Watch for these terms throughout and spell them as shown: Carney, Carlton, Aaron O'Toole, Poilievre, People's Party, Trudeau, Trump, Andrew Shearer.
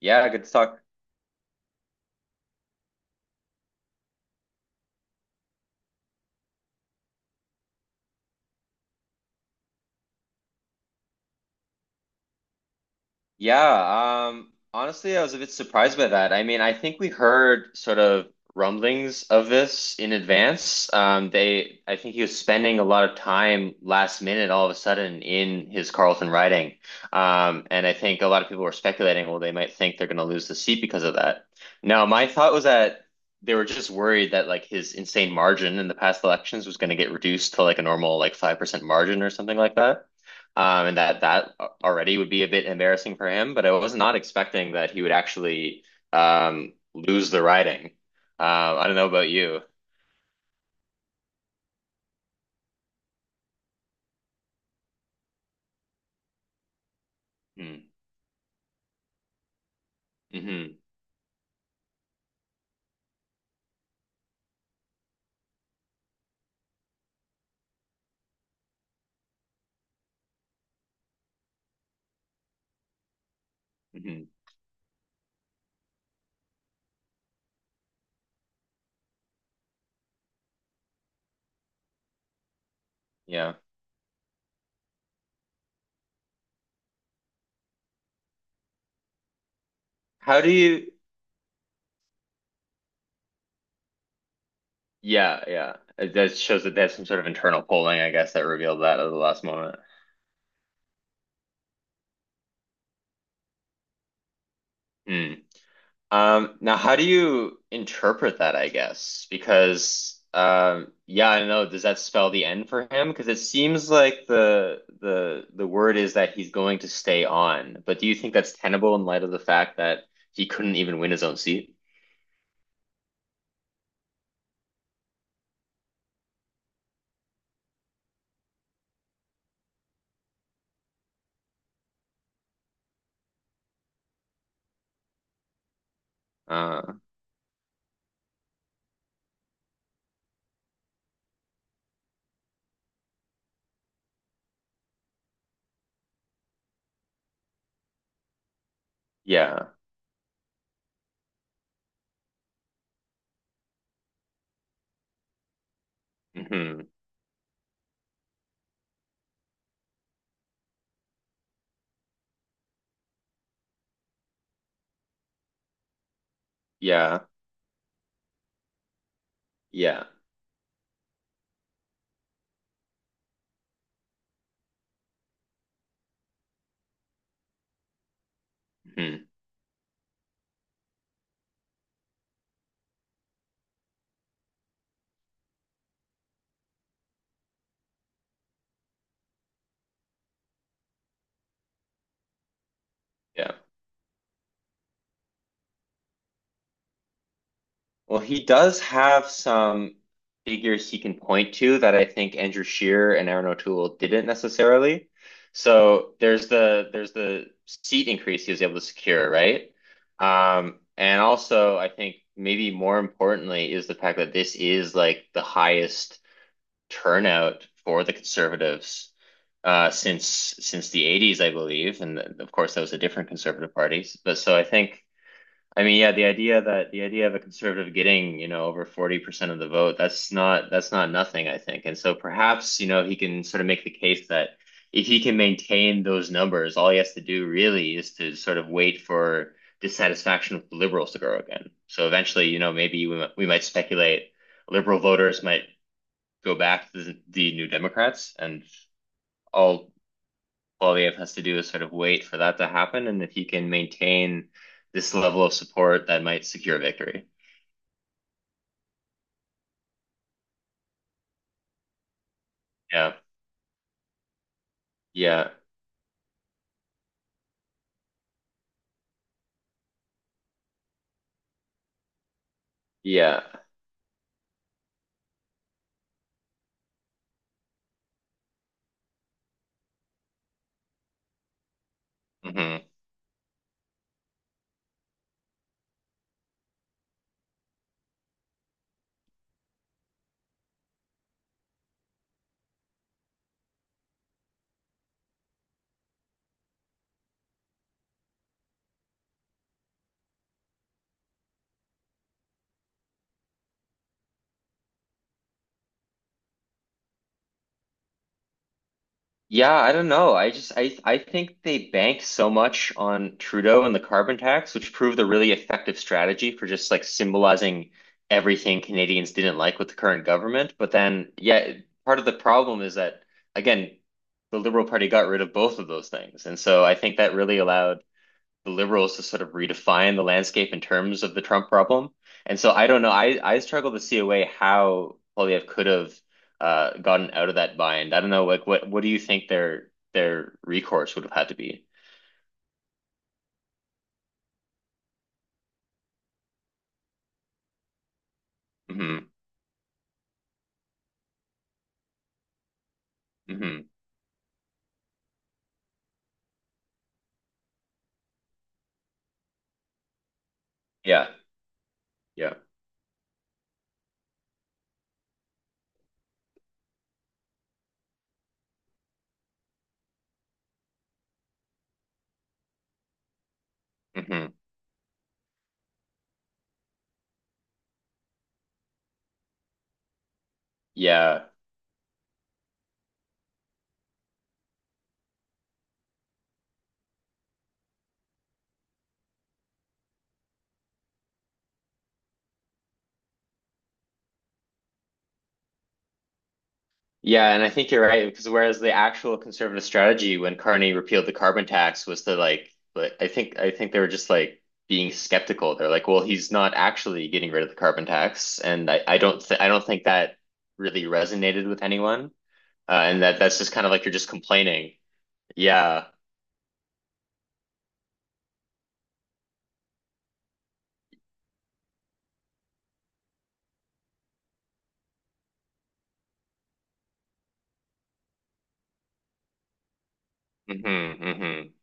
Yeah, good to talk. Yeah, Honestly, I was a bit surprised by that. I think we heard sort of rumblings of this in advance. I think he was spending a lot of time last minute, all of a sudden, in his Carlton riding. And I think a lot of people were speculating, well, they might think they're going to lose the seat because of that. Now, my thought was that they were just worried that like his insane margin in the past elections was going to get reduced to like a normal like 5% margin or something like that. And that already would be a bit embarrassing for him, but I was not expecting that he would actually lose the riding. Uh, I don't know about you. Mm, hmm hmm Yeah. How do you? Yeah, yeah. That shows that there's some sort of internal polling, I guess, that revealed that at the last moment. Hmm. Now how do you interpret that, I guess? Because yeah, I don't know, does that spell the end for him? Because it seems like the word is that he's going to stay on. But do you think that's tenable in light of the fact that he couldn't even win his own seat? Uh yeah. hmm Yeah. Yeah. hmm Yeah. Well, he does have some figures he can point to that I think Andrew Shearer and Aaron O'Toole didn't necessarily. So there's the seat increase he was able to secure, right? And also I think maybe more importantly is the fact that this is like the highest turnout for the conservatives uh, since since the 80s, I believe. And of course that was a different conservative party. But so I think. I mean, yeah, the idea of a conservative getting, you know, over 40% of the vote, that's not nothing, I think. And so perhaps, you know, he can sort of make the case that if he can maintain those numbers, all he has to do really is to sort of wait for dissatisfaction with the liberals to grow again. So eventually, you know, maybe we might speculate liberal voters might go back to the New Democrats, and all Poilievre has to do is sort of wait for that to happen. And if he can maintain this level of support, that might secure victory. Yeah. Yeah. Yeah. hmm Yeah, I don't know. I just I think they bank so much on Trudeau and the carbon tax, which proved a really effective strategy for just like symbolizing everything Canadians didn't like with the current government. But then, yeah, part of the problem is that again, the Liberal Party got rid of both of those things. And so I think that really allowed the liberals to sort of redefine the landscape in terms of the Trump problem. And so I don't know. I struggle to see a way how Polyev could have gotten out of that bind. I don't know. Like, what do you think their recourse would have had to be? Hmm hmm Yeah. Yeah. hmm Yeah. Yeah, and I think you're right because whereas the actual conservative strategy when Carney repealed the carbon tax was to like I think they were just like being skeptical. They're like, well, he's not actually getting rid of the carbon tax, and I don't think that really resonated with anyone, and that that's just kind of like you're just complaining. Yeah. hmm hmm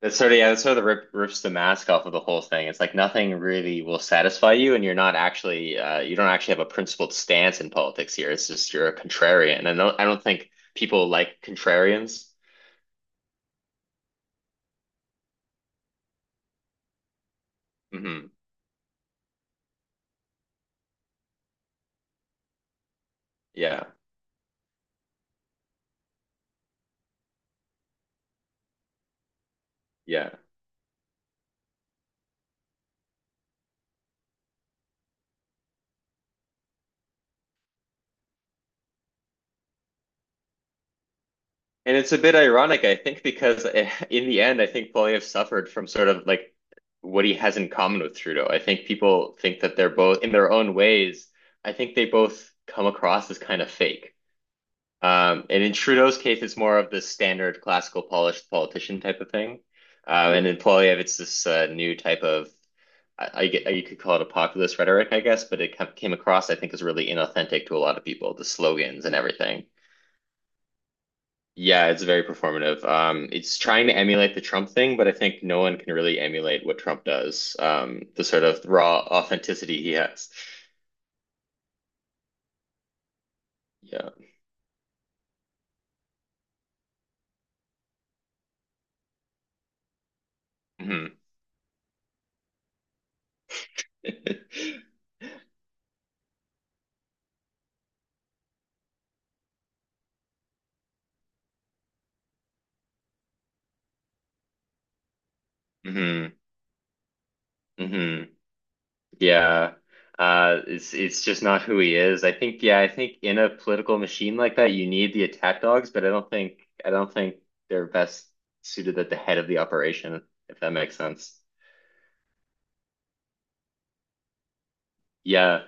That's sort of yeah, that sort of the rips the mask off of the whole thing. It's like nothing really will satisfy you, and you're not actually you don't actually have a principled stance in politics here. It's just you're a contrarian, and I don't think people like contrarians. Hmm Yeah, yeah, and it's a bit ironic, I think, because in the end, I think Poilievre suffered from sort of like what he has in common with Trudeau. I think people think that they're both in their own ways. I think they both come across as kind of fake. And in Trudeau's case, it's more of the standard classical polished politician type of thing. And in Poilievre, it's this new type of, you could call it a populist rhetoric, I guess, but it came across, I think, as really inauthentic to a lot of people, the slogans and everything. Yeah, it's very performative. It's trying to emulate the Trump thing, but I think no one can really emulate what Trump does, the sort of raw authenticity he has. Yeah. hmm hmm hmm Yeah. It's it's just not who he is. I think, yeah, I think in a political machine like that, you need the attack dogs, but I don't think they're best suited at the head of the operation, if that makes sense. Yeah.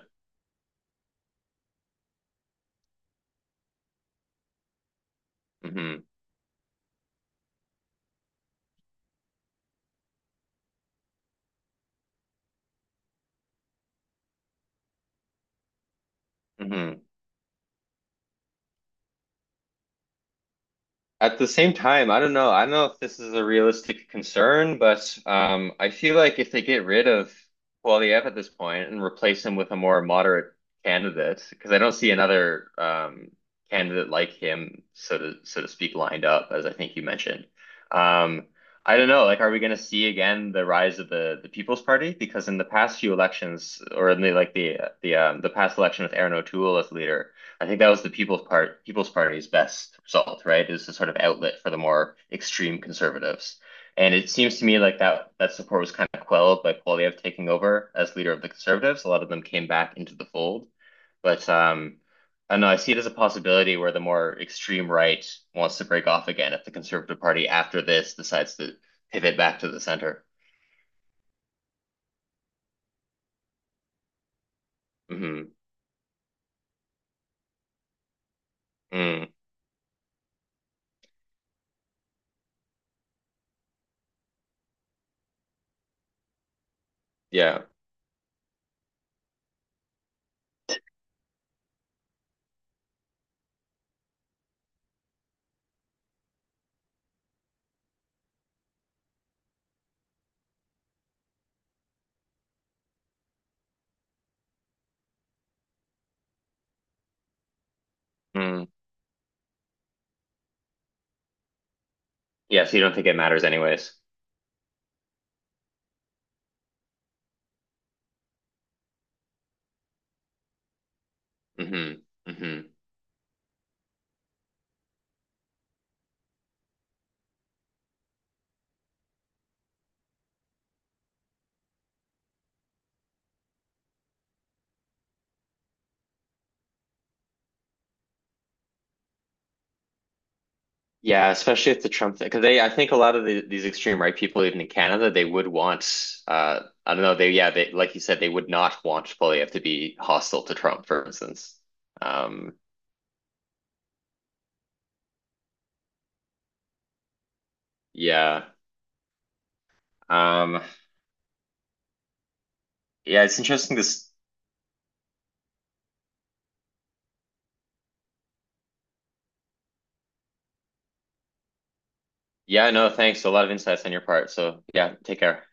hmm hmm At the same time, I don't know. I don't know if this is a realistic concern, but I feel like if they get rid of Poilievre at this point and replace him with a more moderate candidate, because I don't see another candidate like him, so to speak, lined up, as I think you mentioned. Um, I don't know. Like, are we going to see again the rise of the People's Party? Because in the past few elections, or in the like the past election with Aaron O'Toole as leader. I think that was the People's Party's best result, right? Is the sort of outlet for the more extreme conservatives. And it seems to me like that that support was kind of quelled by Poilievre taking over as leader of the conservatives. A lot of them came back into the fold. But I don't know, I see it as a possibility where the more extreme right wants to break off again if the Conservative Party after this decides to pivot back to the center. Hmm Mm, yeah. Mm. Yeah, so you don't think it matters anyways. Hmm hmm Yeah, especially if the Trump thing, because I think a lot of these extreme right people, even in Canada, they would want, I don't know, they, yeah, they, like you said, they would not want Poilievre to be hostile to Trump, for instance. Um, yeah, um, yeah, it's interesting. Yeah, no, thanks. A lot of insights on your part. So, yeah, take care.